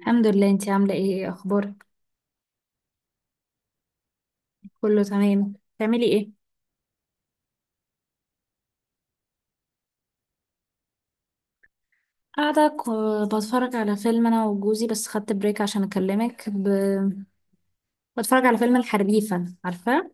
الحمد لله. انتي عاملة ايه؟ اخبارك؟ كله تمام. بتعملي ايه؟ قاعدة بتفرج على فيلم انا وجوزي، بس خدت بريك عشان اكلمك بتفرج على فيلم الحريفة، عارفة.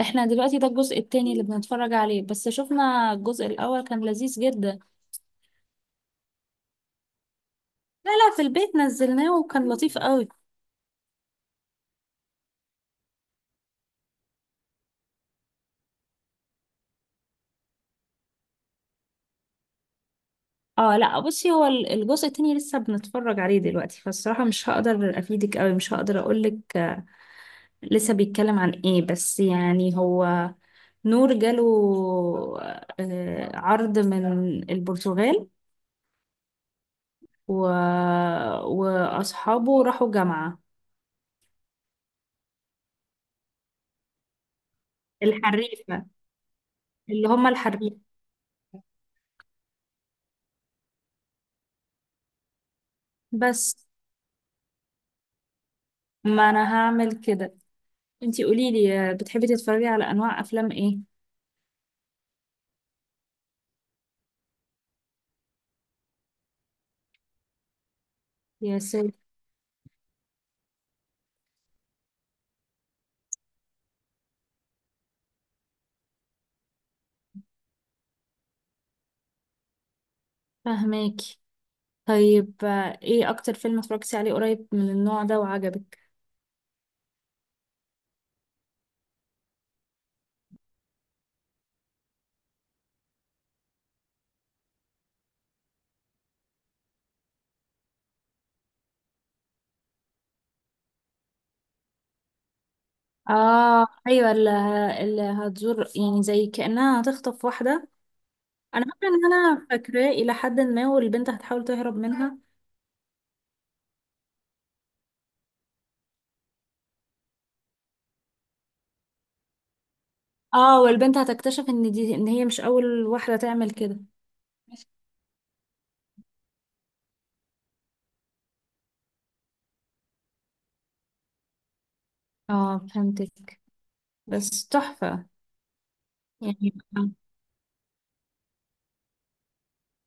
احنا دلوقتي ده الجزء التاني اللي بنتفرج عليه، بس شفنا الجزء الاول كان لذيذ جدا. لا لا، في البيت نزلناه وكان لطيف قوي. اه لا، بصي هو الجزء التاني لسه بنتفرج عليه دلوقتي، فالصراحة مش هقدر افيدك قوي، مش هقدر اقولك لسه بيتكلم عن ايه، بس يعني هو نور جاله عرض من البرتغال. و... وأصحابه راحوا جامعة الحريفة. اللي هم الحريفة. بس ما أنا هعمل كده. انتي قوليلي، بتحبي تتفرجي على أنواع أفلام ايه؟ يا سيدي، فهماكي. طيب، ايه أكتر فيلم اتفرجتي عليه قريب من النوع ده وعجبك؟ اه ايوه، اللي هتزور، يعني زي كأنها هتخطف واحدة. انا فاكره ان انا فاكراه الى حد ما، والبنت هتحاول تهرب منها. اه، والبنت هتكتشف ان دي، ان هي مش اول واحدة تعمل كده. اه فهمتك، بس تحفة. يعني،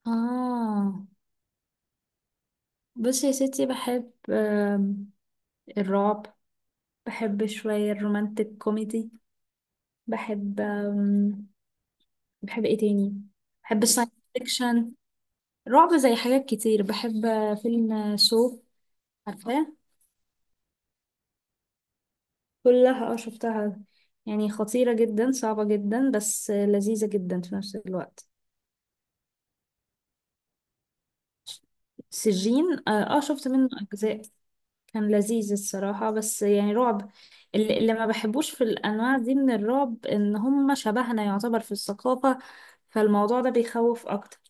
اه. بصي يا ستي، بحب الرعب، بحب شوية الرومانتك كوميدي، بحب بحب ايه تاني، بحب الساينس فيكشن، رعب، زي حاجات كتير. بحب فيلم سو، عارفاه. كلها، اه، شفتها. يعني خطيرة جدا، صعبة جدا، بس لذيذة جدا في نفس الوقت. سجين، اه، شفت منه اجزاء. كان لذيذ الصراحة، بس يعني رعب. اللي ما بحبوش في الانواع دي من الرعب، ان هم شبهنا يعتبر في الثقافة، فالموضوع ده بيخوف اكتر.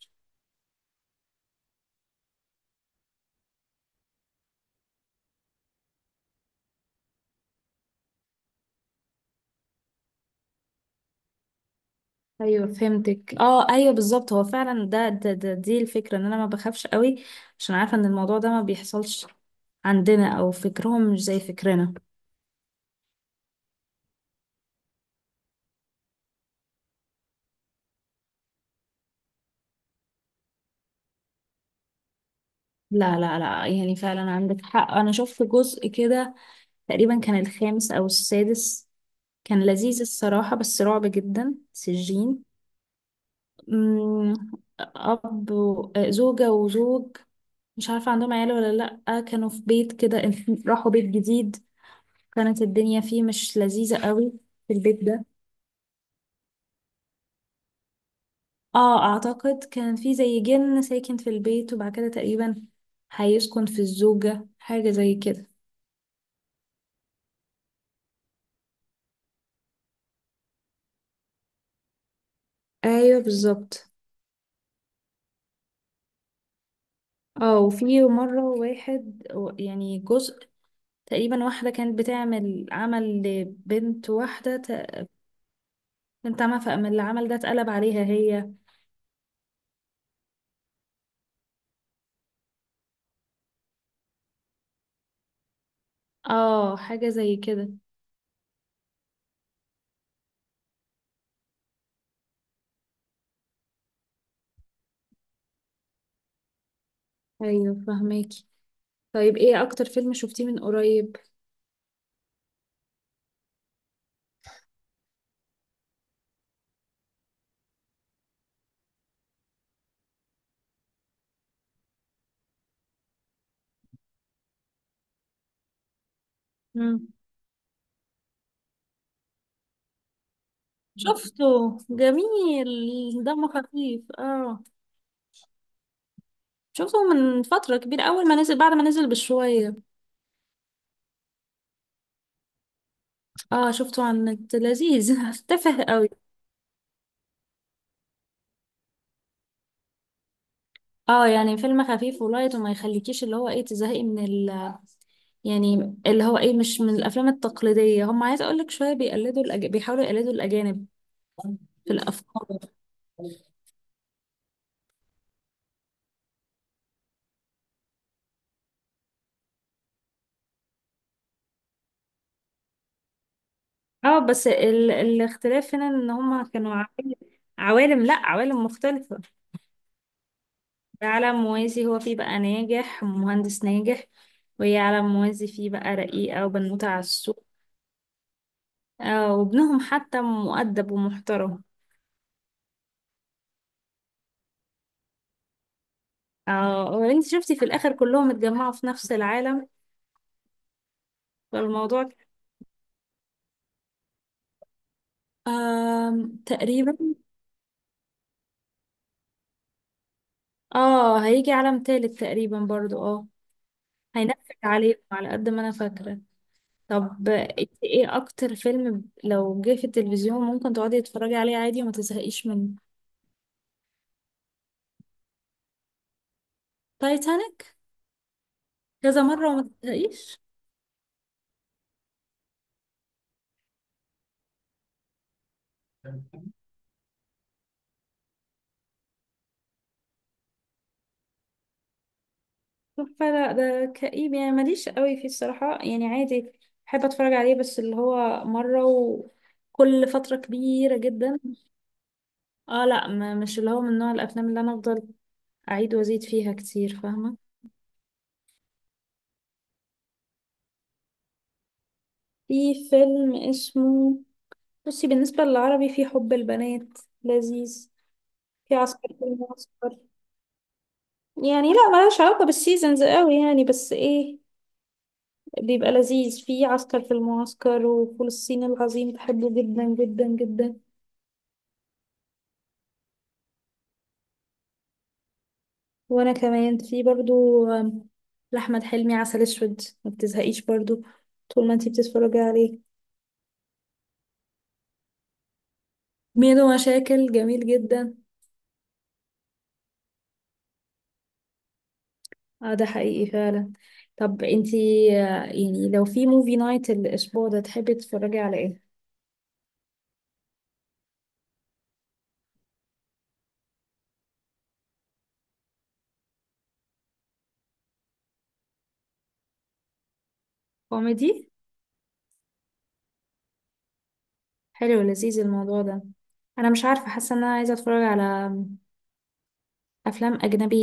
ايوه فهمتك، اه ايوه بالظبط، هو فعلا ده دي الفكرة، ان انا ما بخافش قوي عشان عارفة ان الموضوع ده ما بيحصلش عندنا، او فكرهم مش زي فكرنا. لا لا لا، يعني فعلا عندك حق، انا شفت جزء كده تقريبا كان الخامس او السادس. كان لذيذ الصراحة، بس رعب جدا سجين. أمم، أب زوجة وزوج، مش عارفة عندهم عيال ولا لأ، كانوا في بيت كده، راحوا بيت جديد، كانت الدنيا فيه مش لذيذة قوي، في البيت ده. اه، أعتقد كان في زي جن ساكن في البيت، وبعد كده تقريبا هيسكن في الزوجة، حاجة زي كده. ايوه بالظبط. اه وفي مرة يعني جزء تقريبا، واحدة كانت بتعمل عمل لبنت واحدة، بنت عامة، فأما اللي عمل ده اتقلب عليها هي. اه حاجة زي كده. ايوه فهماكي. طيب، ايه اكتر فيلم شفتيه من قريب؟ مم. شفته، جميل، دمه خفيف، اه. شفته من فترة كبيرة، أول ما نزل، بعد ما نزل بشوية. اه شفته على النت، لذيذ تافه قوي. اه يعني فيلم خفيف ولايت، وما يخليكيش اللي هو ايه، تزهقي من ال، يعني اللي هو ايه، مش من الأفلام التقليدية. هم عايز أقولك شوية بيقلدوا بيحاولوا يقلدوا الأجانب في الأفكار. اه، بس الاختلاف هنا ان هما كانوا عوالم، عوالم لا عوالم مختلفة. ده عالم موازي، هو فيه بقى ناجح، مهندس ناجح، وهي عالم موازي فيه بقى رقيقة وبنوتة على السوق. آه، وابنهم حتى مؤدب ومحترم. اه، وانت شفتي في الاخر كلهم اتجمعوا في نفس العالم، فالموضوع. آه تقريبا. اه هيجي عالم تالت تقريبا برضو، اه. هينفذ عليهم على قد ما انا فاكرة. طب انت ايه اكتر فيلم، لو جه في التلفزيون ممكن تقعدي تتفرجي عليه عادي وما تزهقيش منه؟ تايتانيك؟ كذا مرة وما تزهقيش؟ فلا، ده كئيب، يعني ماليش قوي فيه الصراحة، يعني عادي، بحب اتفرج عليه بس اللي هو مرة وكل فترة كبيرة جدا. اه لا، ما مش اللي هو من نوع الافلام اللي انا افضل اعيد وازيد فيها كتير، فاهمة. في فيلم اسمه، بصي بالنسبة للعربي، في حب البنات، لذيذ، في عسكر في المعسكر، يعني لا ملهاش علاقة بالسيزونز قوي يعني، بس ايه، بيبقى لذيذ في عسكر في المعسكر، وفول الصين العظيم بحبه جدا جدا جدا. وانا كمان في برضو لأحمد حلمي عسل اسود، ما بتزهقيش برضو طول ما انتي بتتفرجي عليه. ميدو مشاكل، جميل جدا، اه، ده حقيقي فعلا. طب انتي، يعني لو في موفي نايت الاسبوع ده، تحبي تتفرجي على ايه؟ كوميدي، حلو، لذيذ الموضوع ده. انا مش عارفه، حاسه ان انا عايزه اتفرج على افلام اجنبي،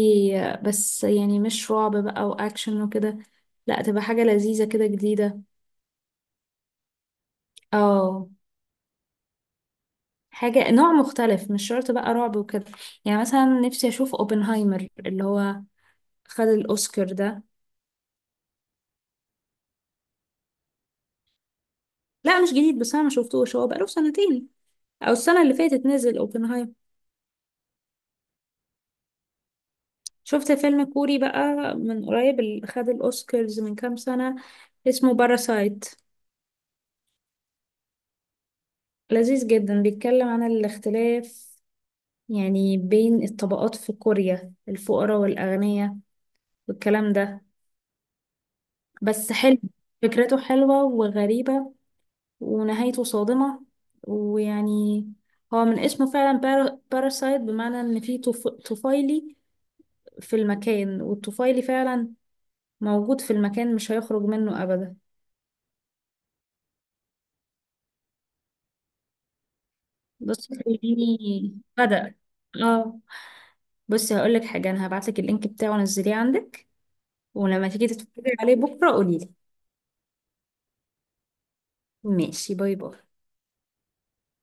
بس يعني مش رعب بقى واكشن وكده، لا تبقى حاجه لذيذه كده جديده. اه، حاجه نوع مختلف، مش شرط بقى رعب وكده. يعني مثلا نفسي اشوف اوبنهايمر، اللي هو خد الاوسكار ده. لا مش جديد، بس انا ما شفتوش، هو بقاله سنتين او السنه اللي فاتت نزل اوبنهايمر. شفت فيلم كوري بقى من قريب، اللي خد الاوسكارز من كام سنه، اسمه باراسايت. لذيذ جدا، بيتكلم عن الاختلاف يعني بين الطبقات في كوريا، الفقراء والأغنياء والكلام ده. بس حلو، فكرته حلوة وغريبة، ونهايته صادمة، ويعني هو من اسمه فعلا، باراسايت، بمعنى إن في طفيلي في المكان، والطفيلي فعلا موجود في المكان مش هيخرج منه أبدا. بص خليني بدأ. اه، بصي هقولك حاجة، أنا هبعتلك اللينك بتاعه، نزليه عندك، ولما تيجي تتفرجي عليه بكرة قوليلي. ماشي، باي باي.